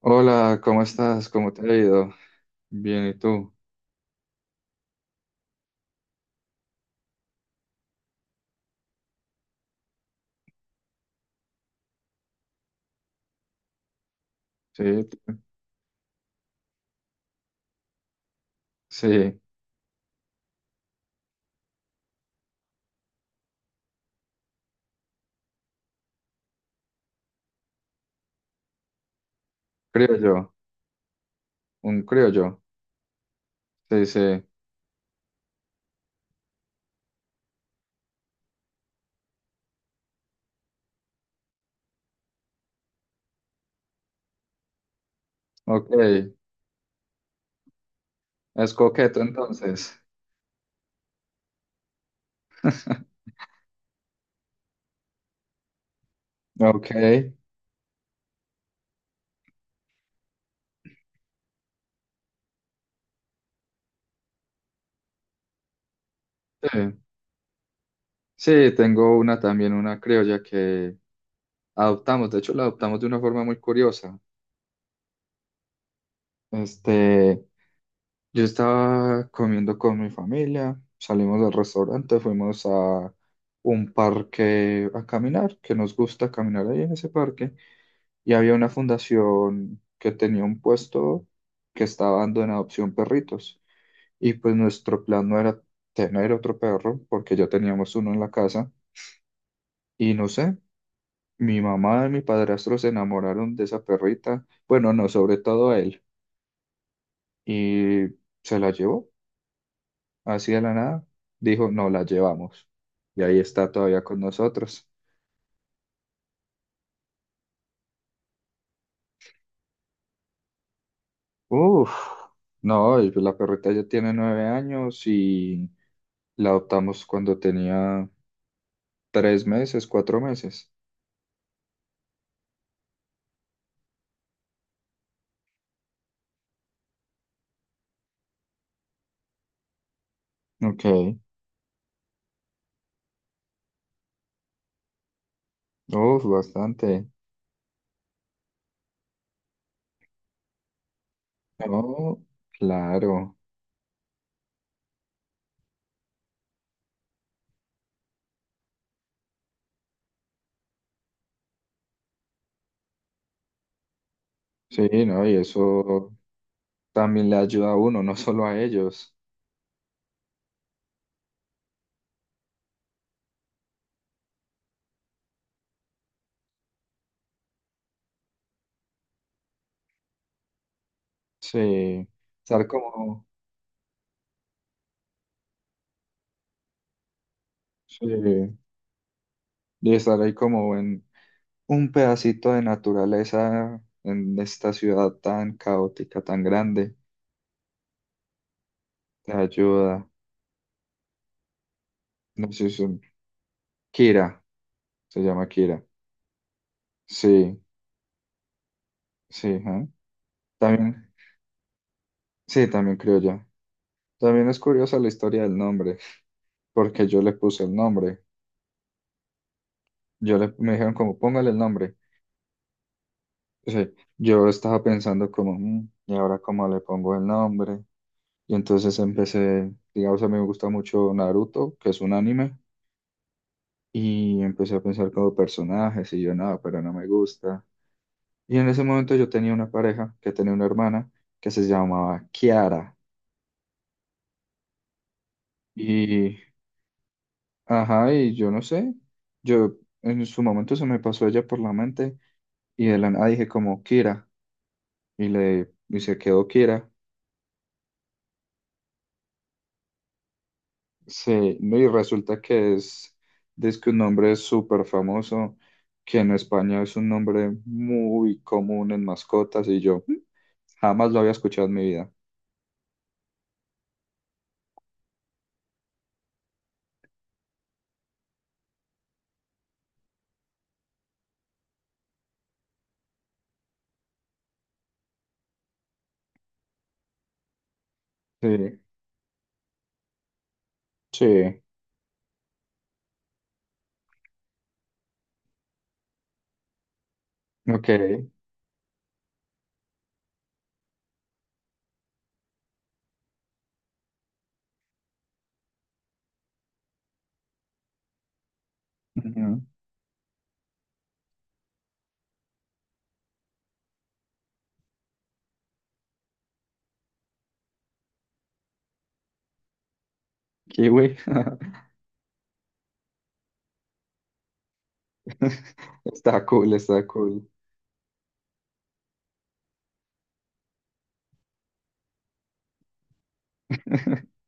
Hola, ¿cómo estás? ¿Cómo te ha ido? Bien, ¿y tú? Sí, sí, criollo, un criollo. Sí, sí, ok. Es coqueto entonces. Ok, sí. Sí, tengo una también, una criolla que adoptamos. De hecho, la adoptamos de una forma muy curiosa. Este, yo estaba comiendo con mi familia, salimos del restaurante, fuimos a un parque a caminar, que nos gusta caminar ahí en ese parque. Y había una fundación que tenía un puesto que estaba dando en adopción perritos. Y pues nuestro plan no era tener otro perro, porque ya teníamos uno en la casa. Y no sé, mi mamá y mi padrastro se enamoraron de esa perrita. Bueno, no, sobre todo a él. Y se la llevó, así de la nada. Dijo, no, la llevamos. Y ahí está todavía con nosotros. Uf, no, y pues la perrita ya tiene 9 años y la adoptamos cuando tenía 3 meses, 4 meses. Ok. Uf, bastante. No, claro. Sí, no, y eso también le ayuda a uno, no solo a ellos. Sí. Estar como, sí. Y estar ahí como en un pedacito de naturaleza en esta ciudad tan caótica, tan grande, te ayuda. No sé, es Kira, se llama Kira. Sí, sí, ajá. También, sí, también creo ya. También es curiosa la historia del nombre, porque yo le puse el nombre. Me dijeron como, póngale el nombre. O sea, yo estaba pensando como, "Mm, ¿y ahora cómo le pongo el nombre?" Y entonces empecé, digamos, a mí me gusta mucho Naruto, que es un anime, y empecé a pensar como personajes y yo nada, pero no me gusta. Y en ese momento yo tenía una pareja que tenía una hermana que se llamaba Kiara. Y, ajá, y yo no sé, yo en su momento se me pasó ella por la mente y de la nada dije como, Kira. Y se quedó Kira. Sí, no, y resulta que es que un nombre súper famoso, que en España es un nombre muy común en mascotas, y yo "Mm, jamás lo había escuchado en mi vida". Sí, sí, ok. Ujú. Kiwi. Está cool, está cool.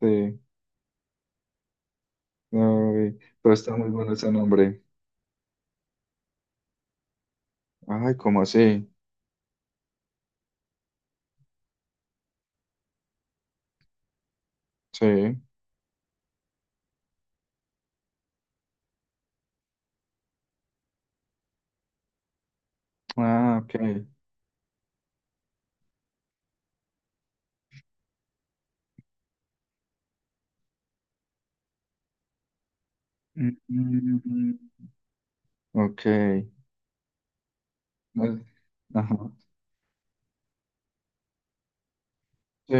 Sí, ay, pero está muy bueno ese nombre. Ay, ¿cómo así? Sí. Ah, ok. Mm, mm, mm, mm, ok. Ajá. Sí,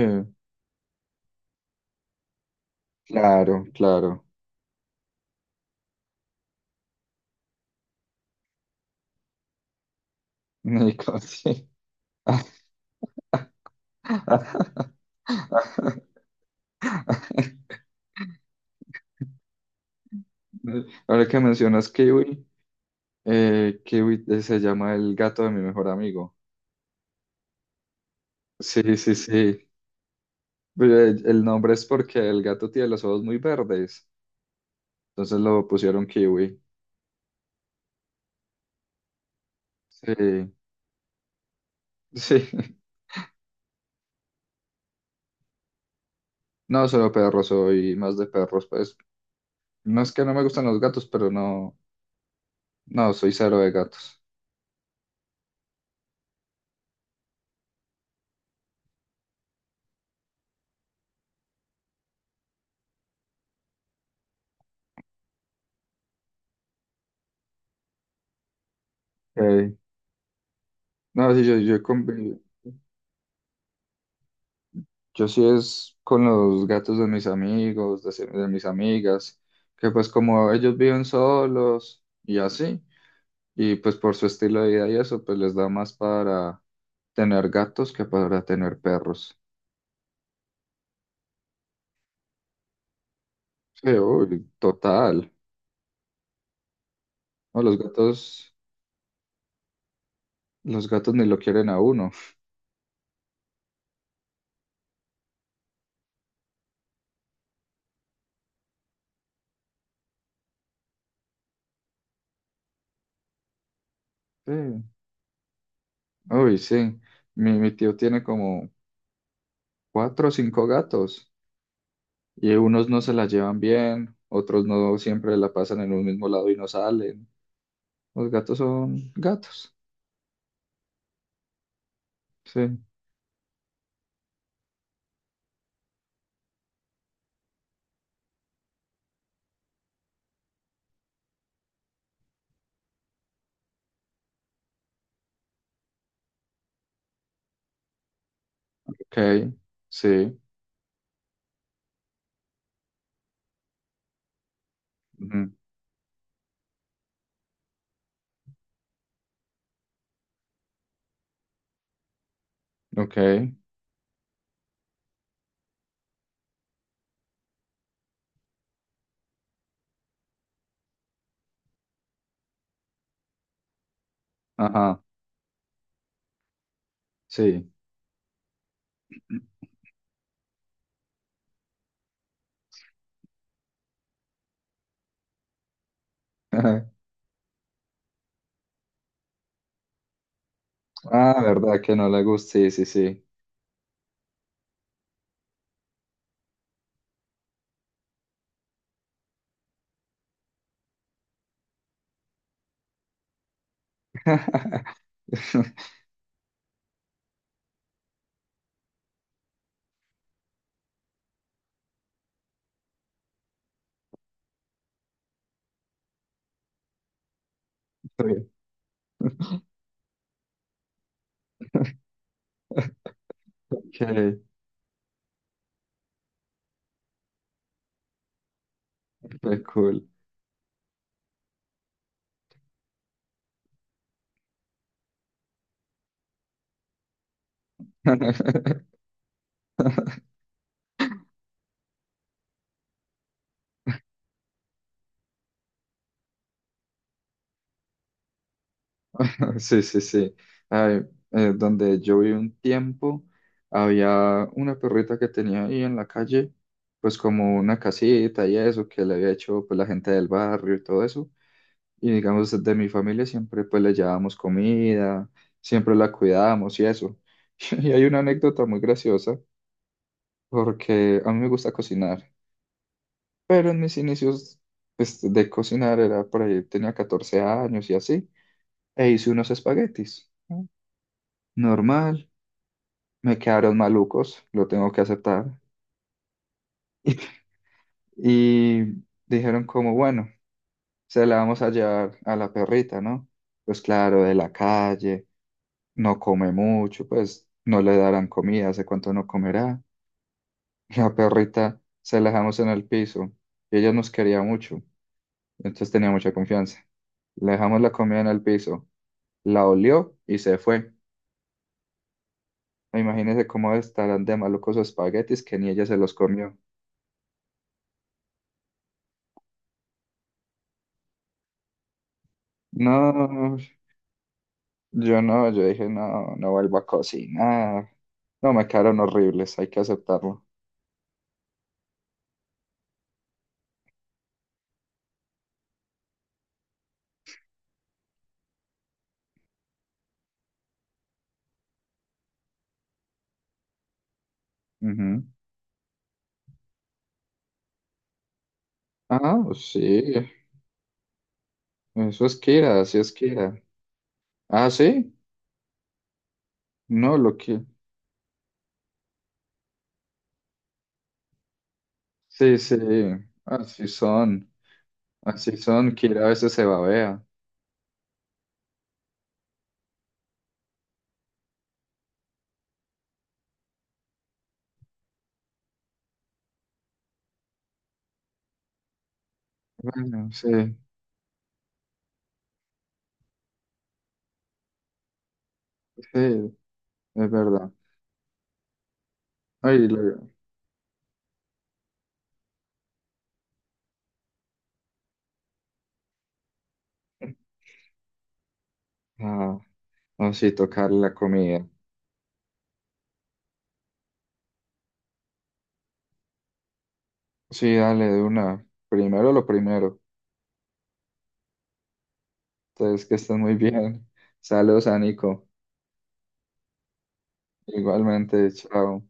claro, claro. Nico, sí. Ahora que mencionas Kiwi, Kiwi se llama el gato de mi mejor amigo. Sí, sí, sí. Pero el nombre es porque el gato tiene los ojos muy verdes, entonces lo pusieron Kiwi. Sí, sí. No, solo perro, soy más de perros, pues. No es que no me gustan los gatos, pero no, no, soy cero de gatos. Ok. No, sí, yo convivo. Yo sí es con los gatos de mis amigos, de, de mis amigas, que pues como ellos viven solos y así, y pues por su estilo de vida y eso, pues les da más para tener gatos que para tener perros. Sí, uy, total. No, los gatos ni lo quieren a uno. Sí, uy, sí. Mi tío tiene como cuatro o cinco gatos y unos no se la llevan bien, otros no siempre la pasan en un mismo lado y no salen. Los gatos son gatos. Sí. Ok. Sí. Ujú. Ok. Ajá. Sí. Ah, verdad que no le gusta. Sí, sí, sí. Sí. Ok, fue cool. Sí, sí, sí. Ay, donde yo viví un tiempo, había una perrita que tenía ahí en la calle, pues como una casita y eso, que le había hecho pues la gente del barrio y todo eso. Y digamos, de mi familia siempre pues le llevábamos comida, siempre la cuidábamos y eso. Y hay una anécdota muy graciosa, porque a mí me gusta cocinar, pero en mis inicios pues, de cocinar era por ahí, tenía 14 años y así, e hice unos espaguetis, ¿no? Normal, me quedaron malucos, lo tengo que aceptar. Y dijeron como, bueno, se la vamos a llevar a la perrita, ¿no? Pues claro, de la calle no come mucho, pues no le darán comida, hace cuánto no comerá. La perrita se la dejamos en el piso y ella nos quería mucho, entonces tenía mucha confianza. Le dejamos la comida en el piso, la olió y se fue. Imagínense cómo estarán de malucos los espaguetis que ni ella se los comió. No, yo no, yo dije, no, no vuelvo a cocinar. No, me quedaron horribles, hay que aceptarlo. Ujú. Ah, pues sí, eso es Kira, así es Kira. Ah, sí, no, lo que, sí, sí, así son, así son, Kira a veces se babea. Bueno, sí, sí, es verdad. Ay, lo- ah, no, sí, tocar la comida. Sí, dale, de una. Primero lo primero. Entonces, que estén muy bien. Saludos a Nico. Igualmente, chao.